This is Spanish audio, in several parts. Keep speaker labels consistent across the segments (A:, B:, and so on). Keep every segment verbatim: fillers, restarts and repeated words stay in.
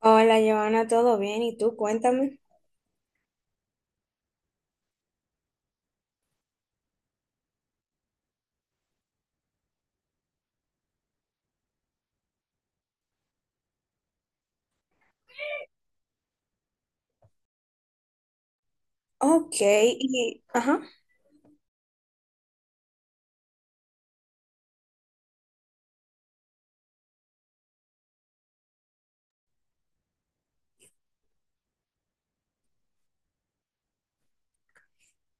A: Hola, Giovanna, ¿todo bien? ¿Y tú? Cuéntame. Ok, y, ajá.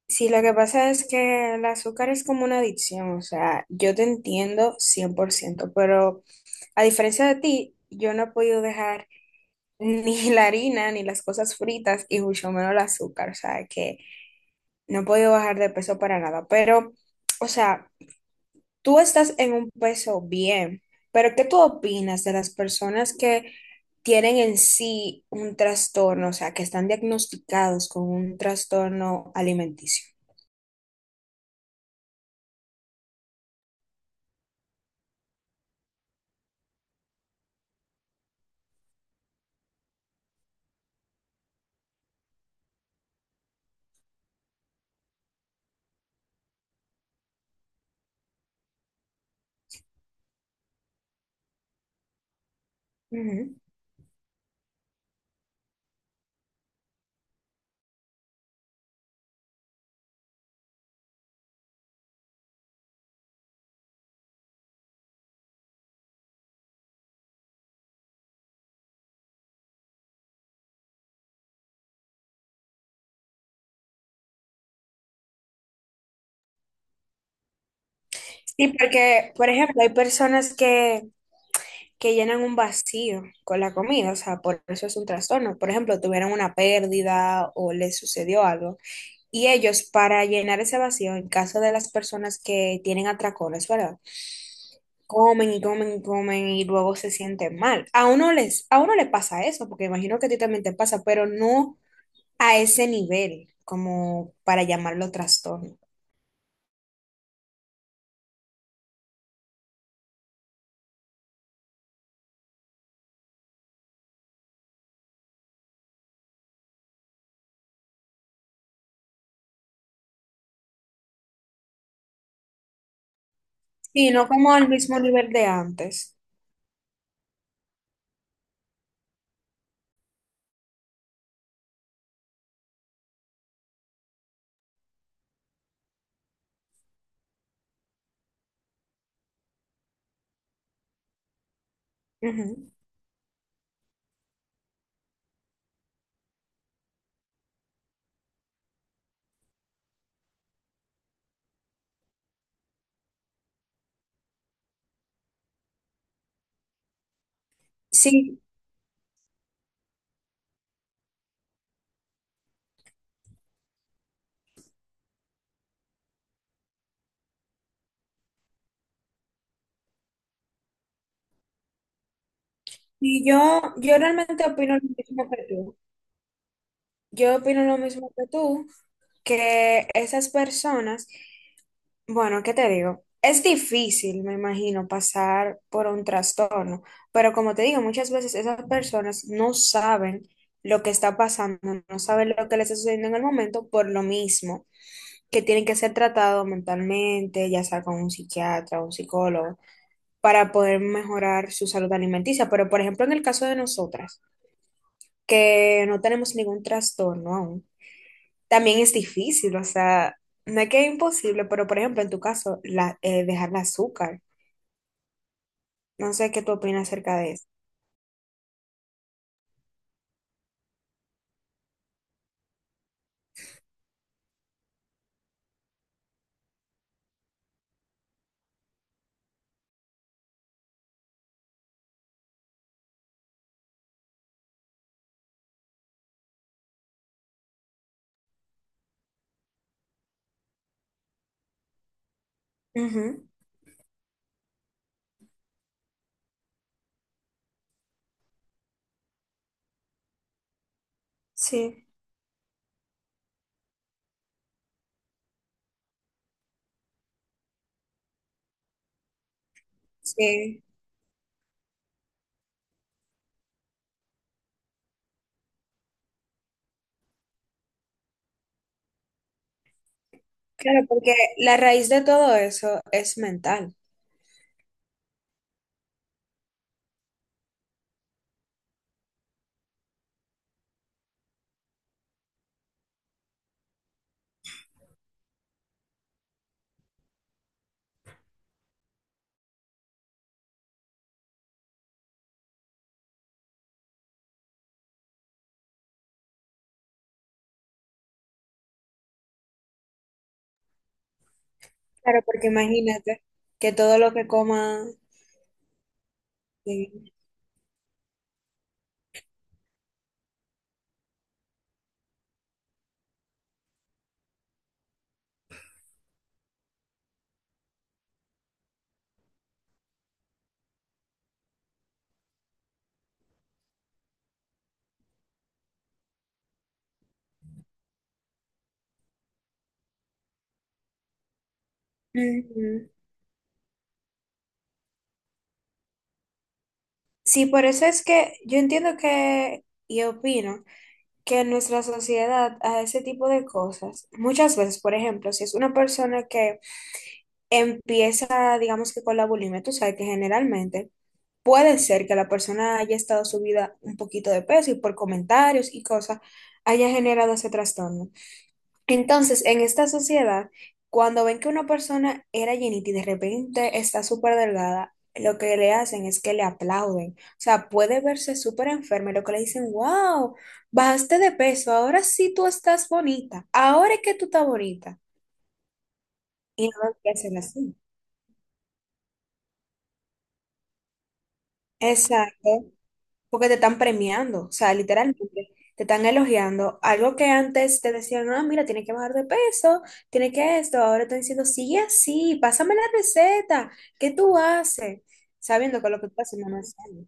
A: Sí, lo que pasa es que el azúcar es como una adicción, o sea, yo te entiendo cien por ciento, pero a diferencia de ti, yo no he podido dejar ni la harina, ni las cosas fritas, y mucho menos el azúcar, o sea, que no he podido bajar de peso para nada, pero, o sea, tú estás en un peso bien, pero ¿qué tú opinas de las personas que tienen en sí un trastorno, o sea, que están diagnosticados con un trastorno alimenticio? Ujú. Sí, porque, por ejemplo, hay personas que, que llenan un vacío con la comida, o sea, por eso es un trastorno. Por ejemplo, tuvieron una pérdida o les sucedió algo. Y ellos, para llenar ese vacío, en caso de las personas que tienen atracones, ¿verdad? Comen y comen y comen y luego se sienten mal. A uno les, a uno le pasa eso, porque imagino que a ti también te pasa, pero no a ese nivel, como para llamarlo trastorno, sino como al mismo nivel de antes. Ujú. Sí, y yo, yo realmente opino lo mismo que tú. Yo opino lo mismo que tú, que esas personas. Bueno, ¿qué te digo? Es difícil, me imagino, pasar por un trastorno, pero como te digo, muchas veces esas personas no saben lo que está pasando, no saben lo que les está sucediendo en el momento por lo mismo, que tienen que ser tratados mentalmente, ya sea con un psiquiatra o un psicólogo, para poder mejorar su salud alimenticia. Pero, por ejemplo, en el caso de nosotras, que no tenemos ningún trastorno aún. También es difícil, o sea, no es que es imposible, pero por ejemplo, en tu caso, la, eh, dejar el azúcar. No sé qué tú opinas acerca de eso. Ujú. Sí. Sí, claro, porque la raíz de todo eso es mental. Claro, porque imagínate que todo lo que coma... Sí. Ujú. Sí, por eso es que yo entiendo que, y opino, que en nuestra sociedad a ese tipo de cosas, muchas veces, por ejemplo, si es una persona que empieza, digamos que con la bulimia, tú sabes que generalmente puede ser que la persona haya estado subida un poquito de peso y por comentarios y cosas haya generado ese trastorno. Entonces, en esta sociedad, cuando ven que una persona era llenita y de repente está súper delgada, lo que le hacen es que le aplauden. O sea, puede verse súper enferma y lo que le dicen, wow, bajaste de peso, ahora sí tú estás bonita, ahora es que tú estás bonita. Y no lo que hacen así. Exacto, porque te están premiando, o sea, literalmente te están elogiando. Algo que antes te decían, ah, mira, tienes que bajar de peso, tienes que esto, ahora están diciendo, sigue así, pásame la receta, ¿qué tú haces? Sabiendo que lo que tú haces no es sano.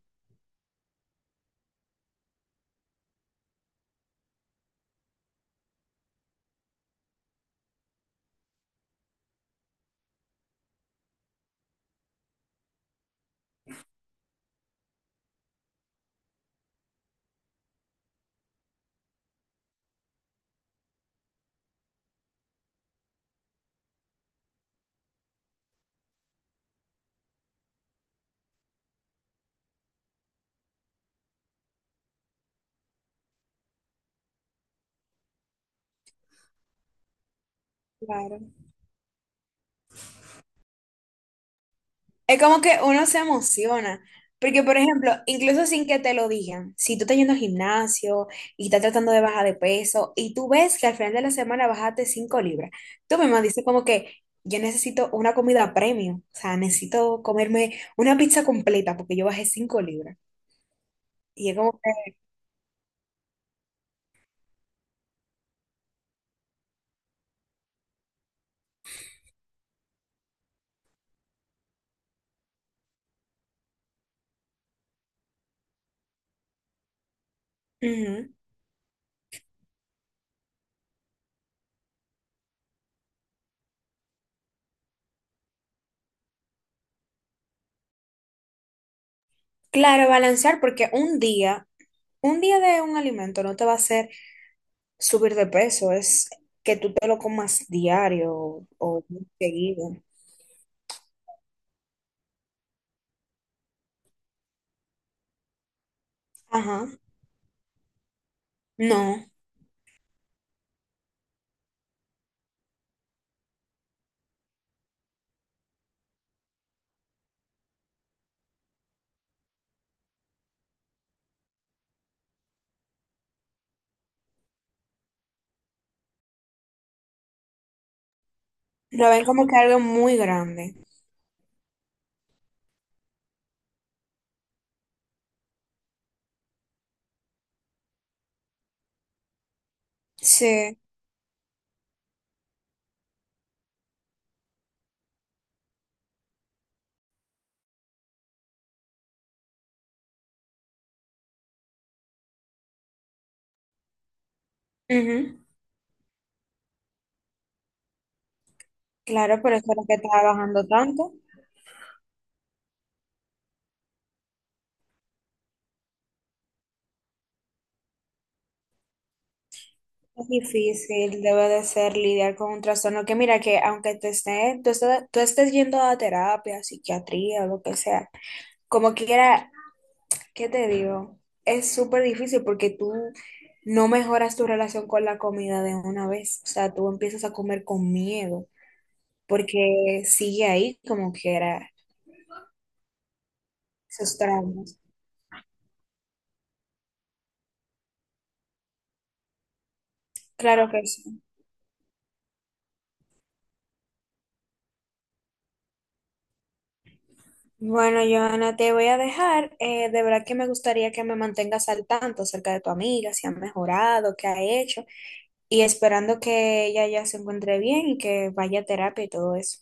A: Claro. Es como que uno se emociona, porque por ejemplo, incluso sin que te lo digan, si tú estás yendo al gimnasio y estás tratando de bajar de peso y tú ves que al final de la semana bajaste cinco libras, tú misma dices como que yo necesito una comida premium, o sea, necesito comerme una pizza completa porque yo bajé cinco libras. Y es como que, ujú. Claro, balancear porque un día, un día de un alimento no te va a hacer subir de peso, es que tú te lo comas diario o seguido. Ajá. No, lo ven como que algo muy grande. Sí, ujú. Claro, por eso es que trabajando tanto. Es difícil, debe de ser lidiar con un trastorno que mira que aunque te esté, tú, estés- tú estés yendo a terapia, psiquiatría o lo que sea, como quiera, ¿qué te digo? Es súper difícil porque tú no mejoras tu relación con la comida de una vez, o sea, tú empiezas a comer con miedo porque sigue ahí como quiera esos traumas. Claro que sí. Bueno, Joana, te voy a dejar. Eh, de verdad que me gustaría que me mantengas al tanto acerca de tu amiga, si ha mejorado, qué ha hecho, y esperando que ella ya se encuentre bien y que vaya a terapia y todo eso.